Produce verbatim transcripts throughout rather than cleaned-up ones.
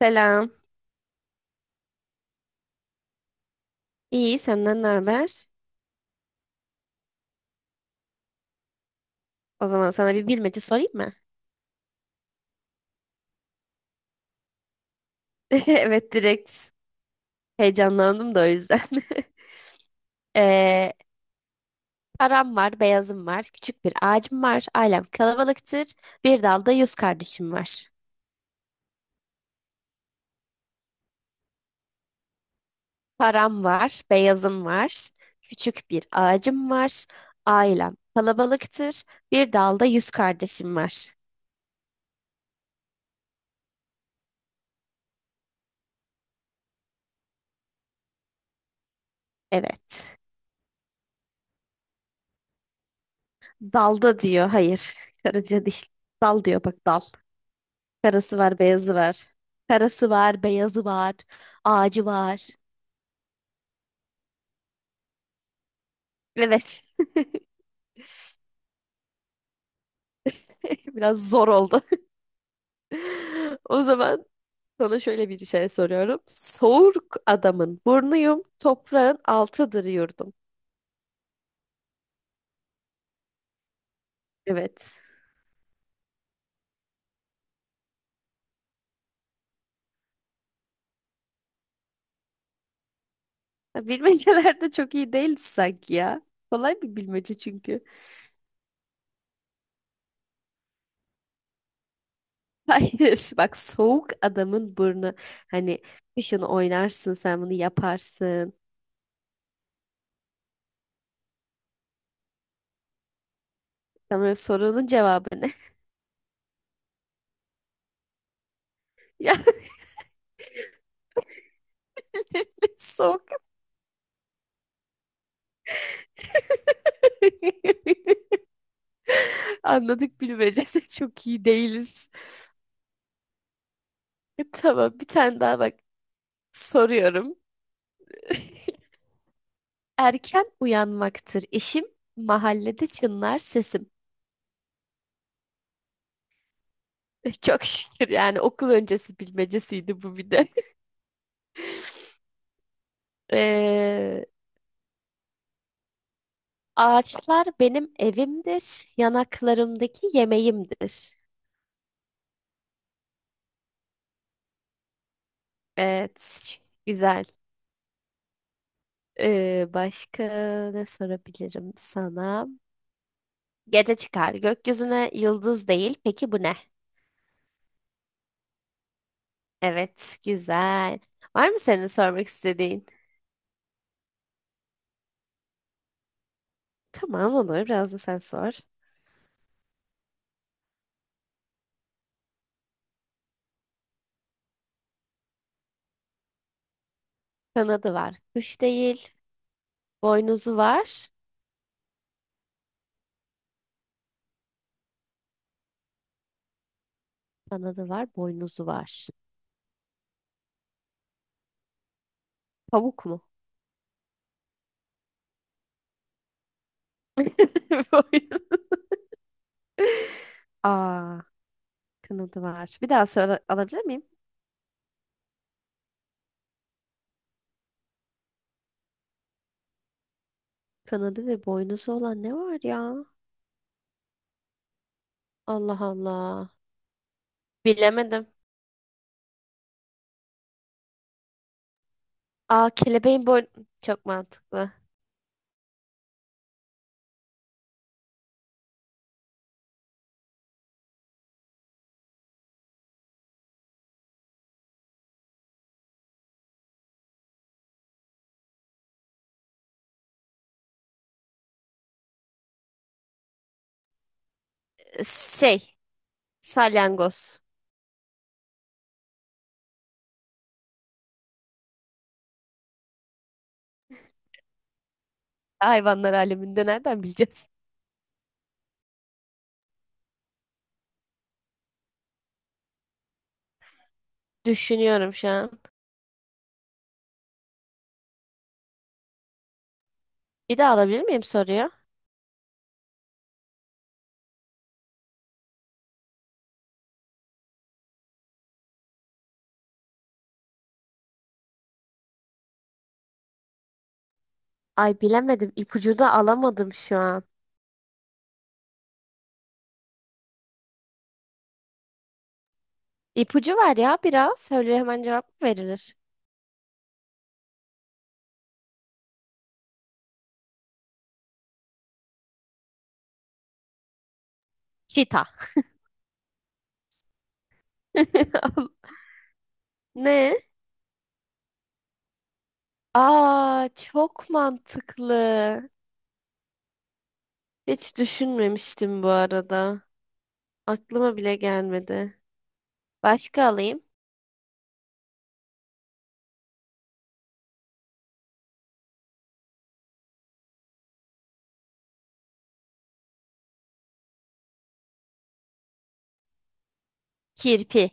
Selam. İyi, senden ne haber? O zaman sana bir bilmece sorayım mı? Evet, direkt heyecanlandım da o yüzden. Ee, Param var, beyazım var, küçük bir ağacım var, ailem kalabalıktır, bir dalda yüz kardeşim var. Param var, beyazım var, küçük bir ağacım var, ailem kalabalıktır, bir dalda yüz kardeşim var. Evet. Dalda diyor, hayır, karınca değil. Dal diyor, bak dal. Karası var, beyazı var. Karası var, beyazı var. Ağacı var. Evet. Biraz zor oldu. O zaman sana şöyle bir şey soruyorum. Soğuk adamın burnuyum, toprağın altıdır yurdum. Evet. Ya bilmeceler de çok iyi değil sanki ya. Kolay bir bilmece çünkü. Hayır, bak soğuk adamın burnu. Hani kışın oynarsın sen bunu yaparsın. Tamam, sorunun cevabı ne? Yani soğuk anladık, bilmece de çok iyi değiliz. Tamam, bir tane daha bak soruyorum. Erken uyanmaktır işim, mahallede çınlar sesim. Çok şükür, yani okul öncesi bilmecesiydi bu bir de. Ee, Ağaçlar benim evimdir, yanaklarımdaki yemeğimdir. Evet, güzel. Ee, başka ne sorabilirim sana? Gece çıkar. Gökyüzüne yıldız değil. Peki bu ne? Evet, güzel. Var mı senin sormak istediğin? Tamam, olur. Biraz da sen sor. Kanadı var. Kuş değil. Boynuzu var. Kanadı var. Boynuzu var. Pamuk mu? Boynuz. Aa, kanadı var. Bir daha söyle, alabilir miyim? Kanadı ve boynuzu olan ne var ya? Allah Allah. Bilemedim. Aa, kelebeğin boynu... Çok mantıklı. Şey, salyangoz. Hayvanlar aleminde nereden bileceğiz? Düşünüyorum şu an. Bir daha alabilir miyim soruyu? Ay bilemedim. İpucu da alamadım şu an. İpucu var ya biraz. Söyle, hemen cevap mı verilir? Çita. Ne? Aa, çok mantıklı. Hiç düşünmemiştim bu arada. Aklıma bile gelmedi. Başka alayım. Kirpi.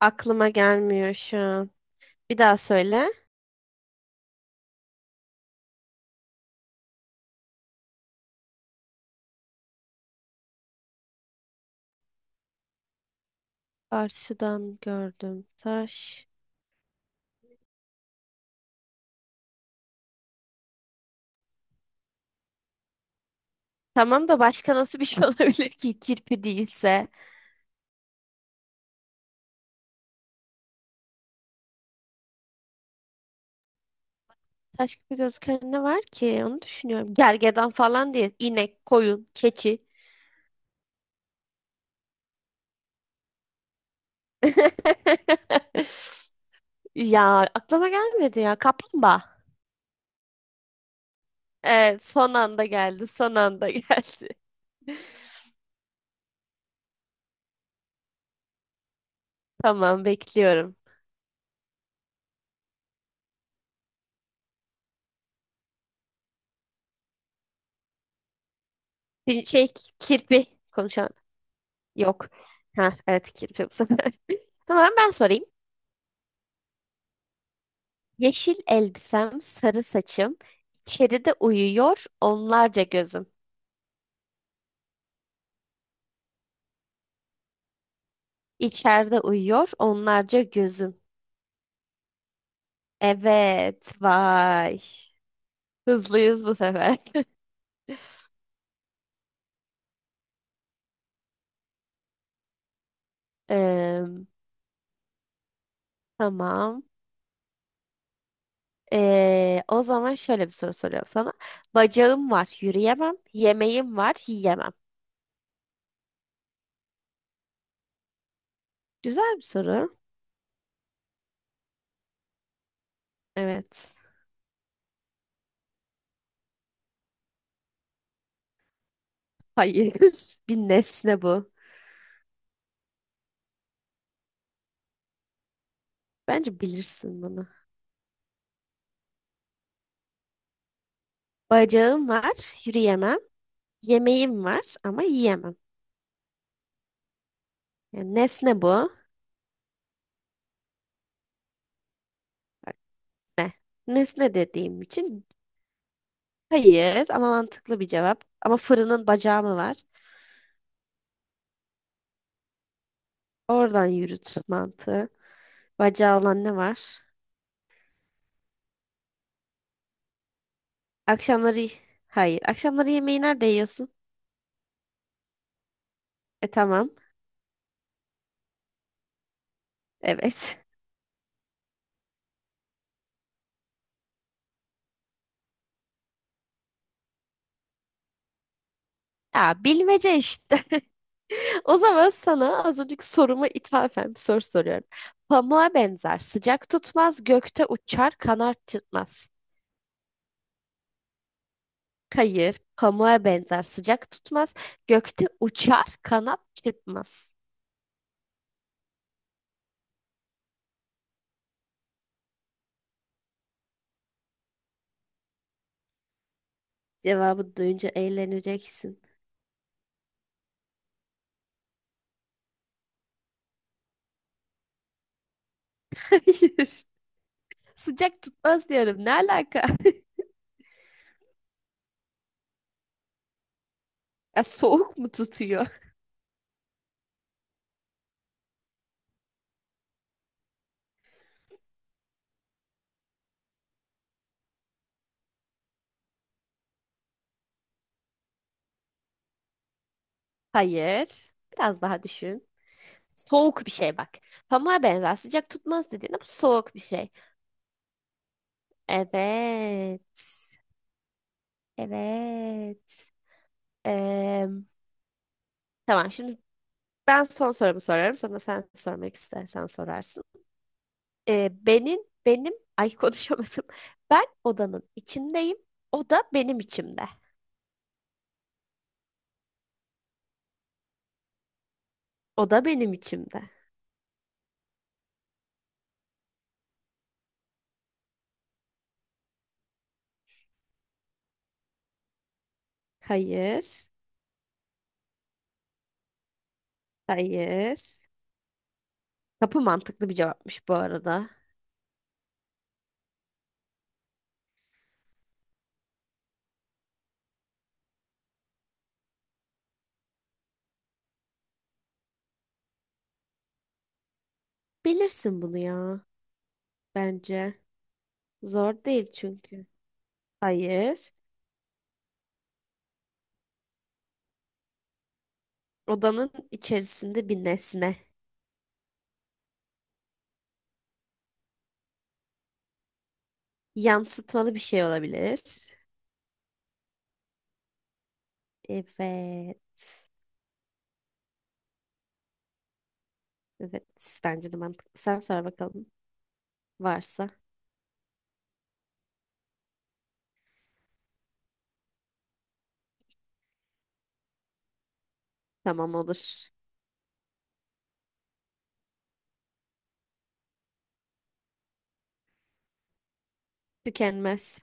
Aklıma gelmiyor şu an. Bir daha söyle. Karşıdan gördüm taş. Tamam da başka nasıl bir şey olabilir ki kirpi değilse? Taş gibi gözüken ne var ki? Onu düşünüyorum. Gergedan falan diye. İnek, koyun, keçi. Ya aklıma gelmedi ya. Kaplumbağa. Evet, son anda geldi. Son anda geldi. Tamam, bekliyorum. Bir şey, kirpi konuşan yok. Ha, evet, kirpi bu sefer. Tamam, ben sorayım. Yeşil elbisem, sarı saçım, içeride uyuyor onlarca gözüm. İçeride uyuyor onlarca gözüm. Evet, vay. Hızlıyız bu sefer. Eee, tamam. Eee, o zaman şöyle bir soru soruyorum sana. Bacağım var, yürüyemem. Yemeğim var, yiyemem. Güzel bir soru. Evet. Hayır. Bir nesne bu. Bence bilirsin bunu. Bacağım var, yürüyemem. Yemeğim var ama yiyemem. Ya, nesne bu. Ne? Nesne dediğim için hayır, ama mantıklı bir cevap. Ama fırının bacağı mı var? Oradan yürüt mantığı. Bacağı olan ne var? Akşamları hayır. Akşamları yemeği nerede yiyorsun? E, tamam. Evet. Ya, bilmece işte. O zaman sana az önceki soruma ithafen bir soru soruyorum. Pamuğa benzer, sıcak tutmaz, gökte uçar, kanat çırpmaz. Hayır, pamuğa benzer, sıcak tutmaz, gökte uçar, kanat çırpmaz. Cevabı duyunca eğleneceksin. Hayır, sıcak tutmaz diyorum. Ne alaka? Ya soğuk mu tutuyor? Hayır, biraz daha düşün. Soğuk bir şey bak. Pamuğa benzer, sıcak tutmaz dediğinde bu soğuk bir şey. Evet, evet. Em, tamam, şimdi ben son sorumu sorarım. Sonra sen sormak istersen sorarsın. Ee, benim benim ay konuşamadım. Ben odanın içindeyim. O da benim içimde. O da benim içimde. Hayır. Hayır. Kapı mantıklı bir cevapmış bu arada. Bilirsin bunu ya. Bence. Zor değil çünkü. Hayır. Odanın içerisinde bir nesne. Yansıtmalı bir şey olabilir. Evet. Evet. Bence de mantıklı. Sen sor bakalım. Varsa. Tamam, olur. Tükenmez.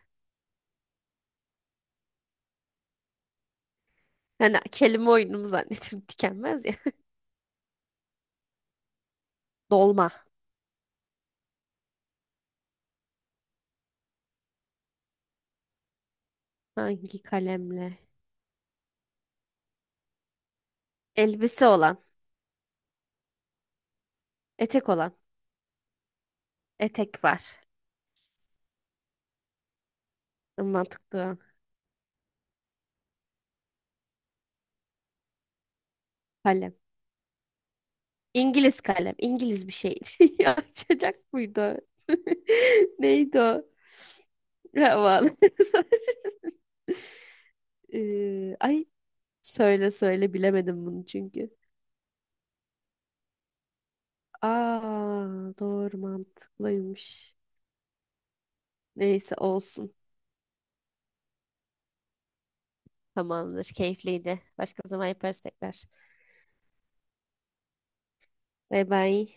Hani kelime oyunumu zannettim tükenmez ya. Dolma. Hangi kalemle? Elbise olan. Etek olan. Etek var. Mantıklı olan. Kalem. İngiliz kalem. İngiliz bir şeydi. Ya, açacak mıydı o? Neydi o? Havalı. Ee, ay, söyle söyle, bilemedim bunu çünkü. Aa, doğru, mantıklıymış. Neyse, olsun. Tamamdır. Keyifliydi. Başka zaman yaparız tekrar. Bay bay.